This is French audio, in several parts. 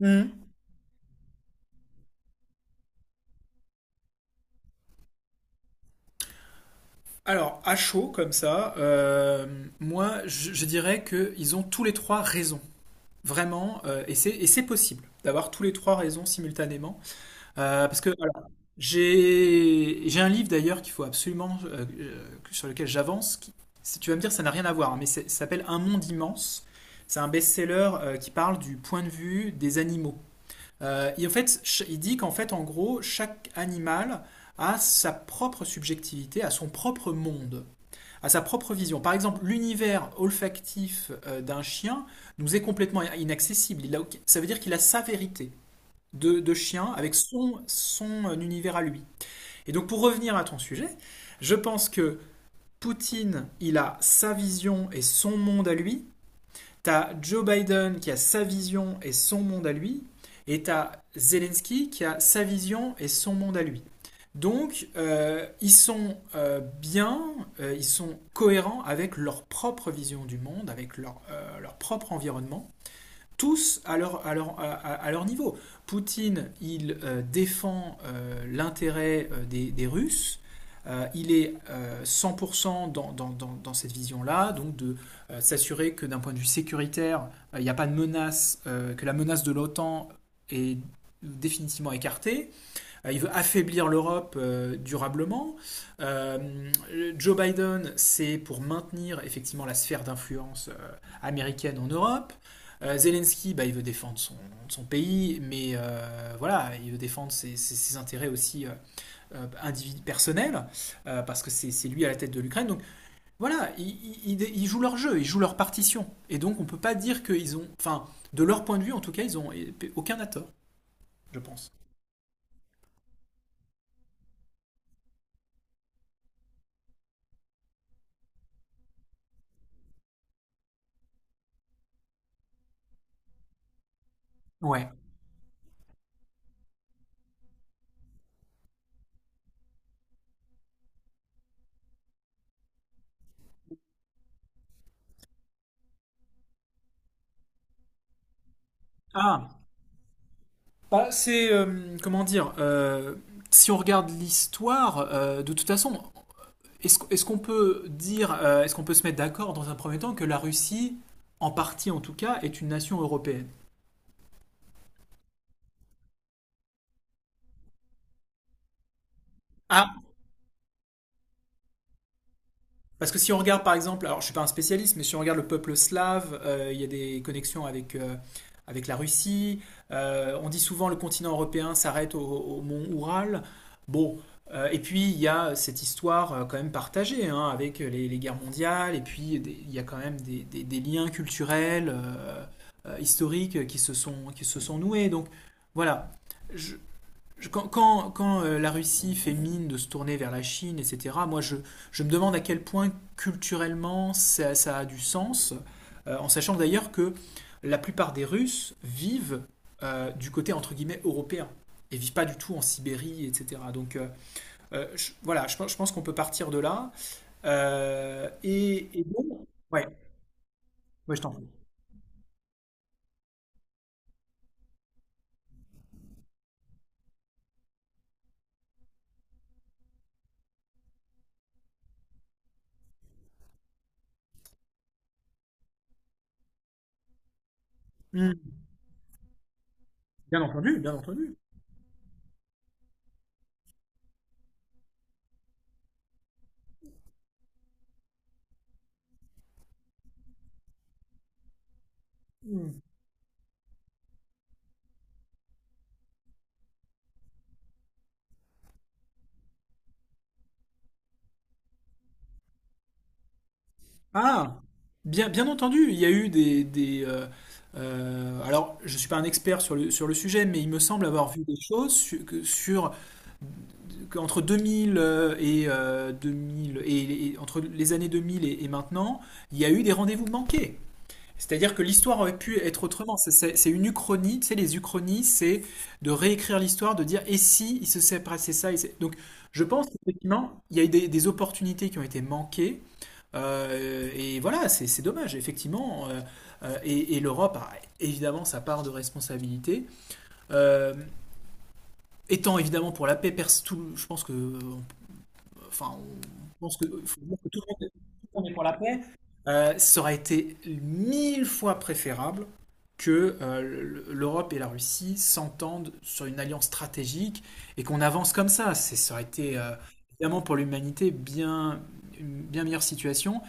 Mhm. Alors, à chaud comme ça, moi, je dirais qu'ils ont tous les trois raison. Vraiment, et c'est possible d'avoir tous les trois raisons simultanément. Parce que, alors, j'ai un livre d'ailleurs qu'il faut absolument, sur lequel j'avance. Si tu vas me dire, ça n'a rien à voir, hein, ça s'appelle Un monde immense. C'est un best-seller qui parle du point de vue des animaux. Et en fait, il dit qu'en fait, en gros, chaque animal a sa propre subjectivité, à son propre monde, à sa propre vision. Par exemple, l'univers olfactif d'un chien nous est complètement inaccessible. Ça veut dire qu'il a sa vérité de chien avec son univers à lui. Et donc, pour revenir à ton sujet, je pense que Poutine, il a sa vision et son monde à lui. T'as Joe Biden qui a sa vision et son monde à lui, et t'as Zelensky qui a sa vision et son monde à lui. Donc, ils sont cohérents avec leur propre vision du monde, avec leur propre environnement tous à leur niveau. Poutine, il défend l'intérêt des Russes. Il est 100% dans cette vision-là, donc de s'assurer que d'un point de vue sécuritaire, il n'y a pas de menace, que la menace de l'OTAN est définitivement écartée, il veut affaiblir l'Europe durablement. Euh, Joe Biden, c'est pour maintenir effectivement la sphère d'influence américaine en Europe. Zelensky, bah, il veut défendre son pays, mais voilà, il veut défendre ses intérêts aussi personnels, parce que c'est lui à la tête de l'Ukraine. Donc voilà, il jouent leur jeu, ils jouent leur partition. Et donc on peut pas dire qu'ils ont, enfin, de leur point de vue en tout cas, ils ont aucun à tort, je pense. Ouais. Ah, bah, c'est, comment dire, si on regarde l'histoire, de toute façon, est-ce, est-ce qu'on peut dire, est-ce qu'on peut se mettre d'accord dans un premier temps que la Russie, en partie en tout cas, est une nation européenne? Parce que si on regarde par exemple, alors je suis pas un spécialiste, mais si on regarde le peuple slave, il y a des connexions avec la Russie. On dit souvent le continent européen s'arrête au mont Oural. Bon, et puis il y a cette histoire quand même partagée hein, avec les guerres mondiales, et puis il y a quand même des liens culturels, historiques qui se sont noués. Donc voilà, je, quand la Russie fait mine de se tourner vers la Chine, etc., moi je me demande à quel point culturellement ça a du sens, en sachant d'ailleurs que la plupart des Russes vivent du côté entre guillemets européen et vivent pas du tout en Sibérie, etc. Donc voilà, je pense qu'on peut partir de là. Et bon. Hmm, bien entendu, bien entendu. Hmm. Ah, bien, bien entendu, il y a eu alors, je ne suis pas un expert sur sur le sujet, mais il me semble avoir vu des choses sur, qu'entre 2000 et entre les années 2000 et maintenant, il y a eu des rendez-vous manqués. C'est-à-dire que l'histoire aurait pu être autrement. C'est une uchronie. Tu sais, les uchronies, c'est de réécrire l'histoire, de dire et si il se serait passé ça. Donc, je pense qu'effectivement, il y a eu des opportunités qui ont été manquées et voilà, c'est dommage, effectivement. Et l'Europe a évidemment sa part de responsabilité. Euh, Étant évidemment pour la paix, je pense que, enfin, on pense que, faut dire que tout le monde est pour la paix. Ça aurait été mille fois préférable que l'Europe et la Russie s'entendent sur une alliance stratégique et qu'on avance comme ça. Ça aurait été évidemment pour l'humanité bien une bien meilleure situation.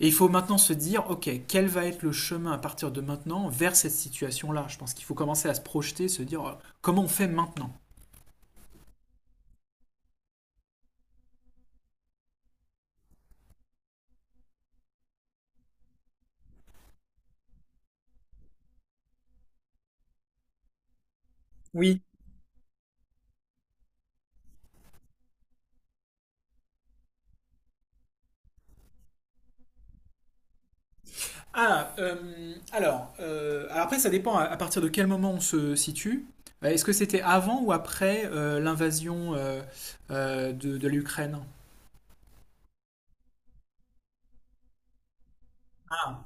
Et il faut maintenant se dire, ok, quel va être le chemin à partir de maintenant vers cette situation-là. Je pense qu'il faut commencer à se projeter, se dire, comment on fait maintenant. Oui. Ah, alors après, ça dépend à partir de quel moment on se situe. Est-ce que c'était avant ou après l'invasion de l'Ukraine. Ah.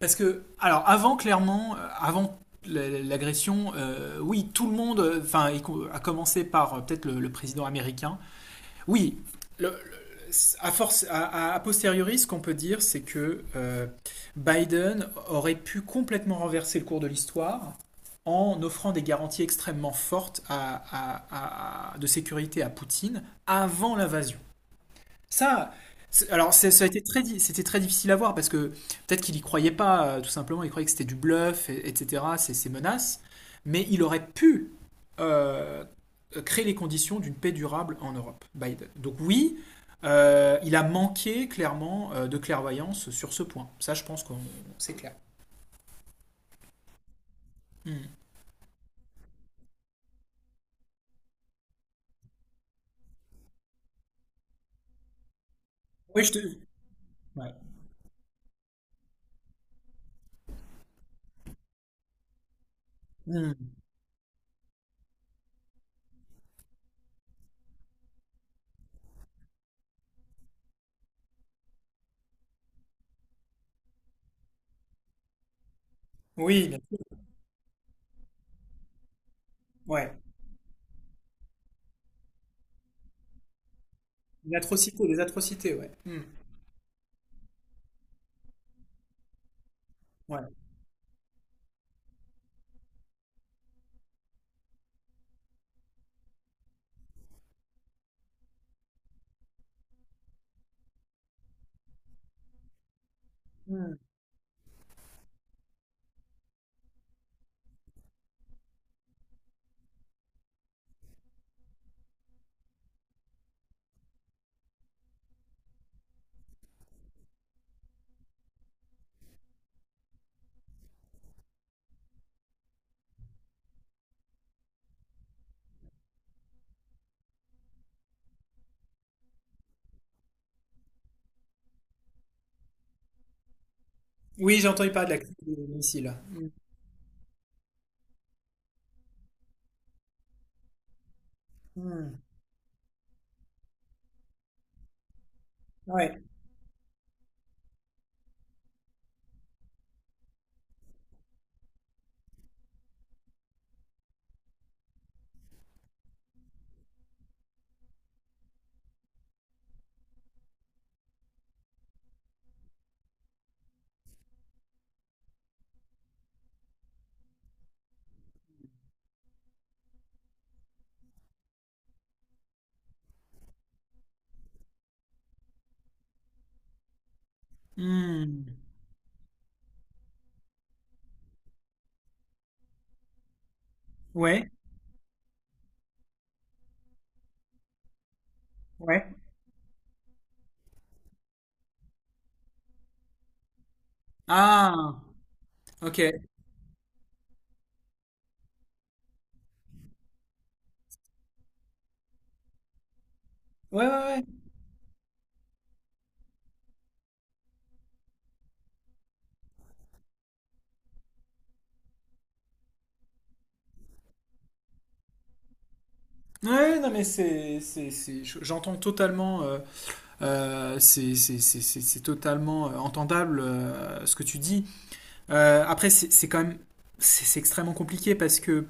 Parce que, alors, avant, clairement, avant l'agression, oui, tout le monde, enfin, à commencer par peut-être le président américain, oui, le- à force, a posteriori, ce qu'on peut dire, c'est que Biden aurait pu complètement renverser le cours de l'histoire en offrant des garanties extrêmement fortes de sécurité à Poutine avant l'invasion. Ça, ça a été c'était très difficile à voir parce que peut-être qu'il y croyait pas, tout simplement, il croyait que c'était du bluff, etc., ces menaces, mais il aurait pu euh, créer les conditions d'une paix durable en Europe, Biden. Donc oui, il a manqué clairement de clairvoyance sur ce point. Ça, je pense qu'on c'est clair. Hmm. Oui, je te. Ouais. Hmm. Oui, bien sûr. Ouais. Une atrocité, des atrocités, ouais. Hmm. Ouais. Hmm. Oui, j'ai entendu parler de la crise des missiles. Hmm. Ouais. Hmm. Ouais, ouais. Ah, ok. Ouais, ouais, ouais. Ouais, non, mais j'entends totalement, c'est totalement entendable ce que tu dis. Après, c'est quand même c'est extrêmement compliqué parce que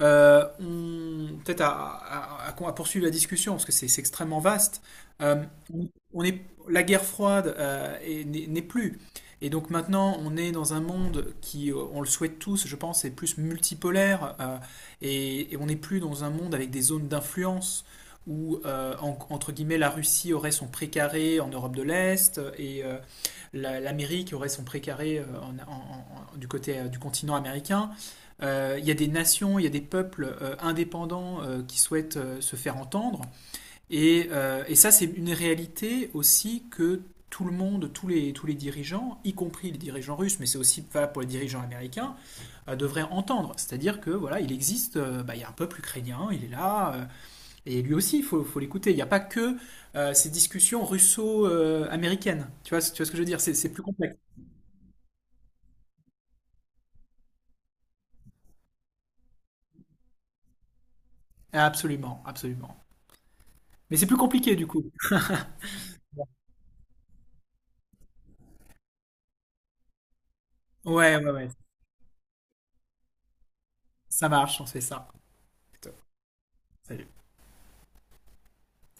on peut-être à poursuivre la discussion parce que c'est extrêmement vaste. Euh, on on est La guerre froide n'est plus. Et donc maintenant, on est dans un monde qui, on le souhaite tous, je pense, est plus multipolaire et on n'est plus dans un monde avec des zones d'influence où, entre guillemets, la Russie aurait son pré carré en Europe de l'Est et l'Amérique aurait son précaré du côté du continent américain. Il y a des nations, il y a des peuples indépendants qui souhaitent se faire entendre. Et ça, c'est une réalité aussi que tout le monde, tous les dirigeants, y compris les dirigeants russes, mais c'est aussi valable pour les dirigeants américains, devraient entendre. C'est-à-dire que voilà, il existe, bah, il y a un peuple ukrainien, il est là, et lui aussi, il faut l'écouter. Il n'y a pas que ces discussions russo-américaines. Tu vois ce que je veux dire? C'est plus complexe. Absolument, absolument. Mais c'est plus compliqué du coup. Ouais, ouais, ouais. Ça marche, on se fait ça. Plutôt. Salut.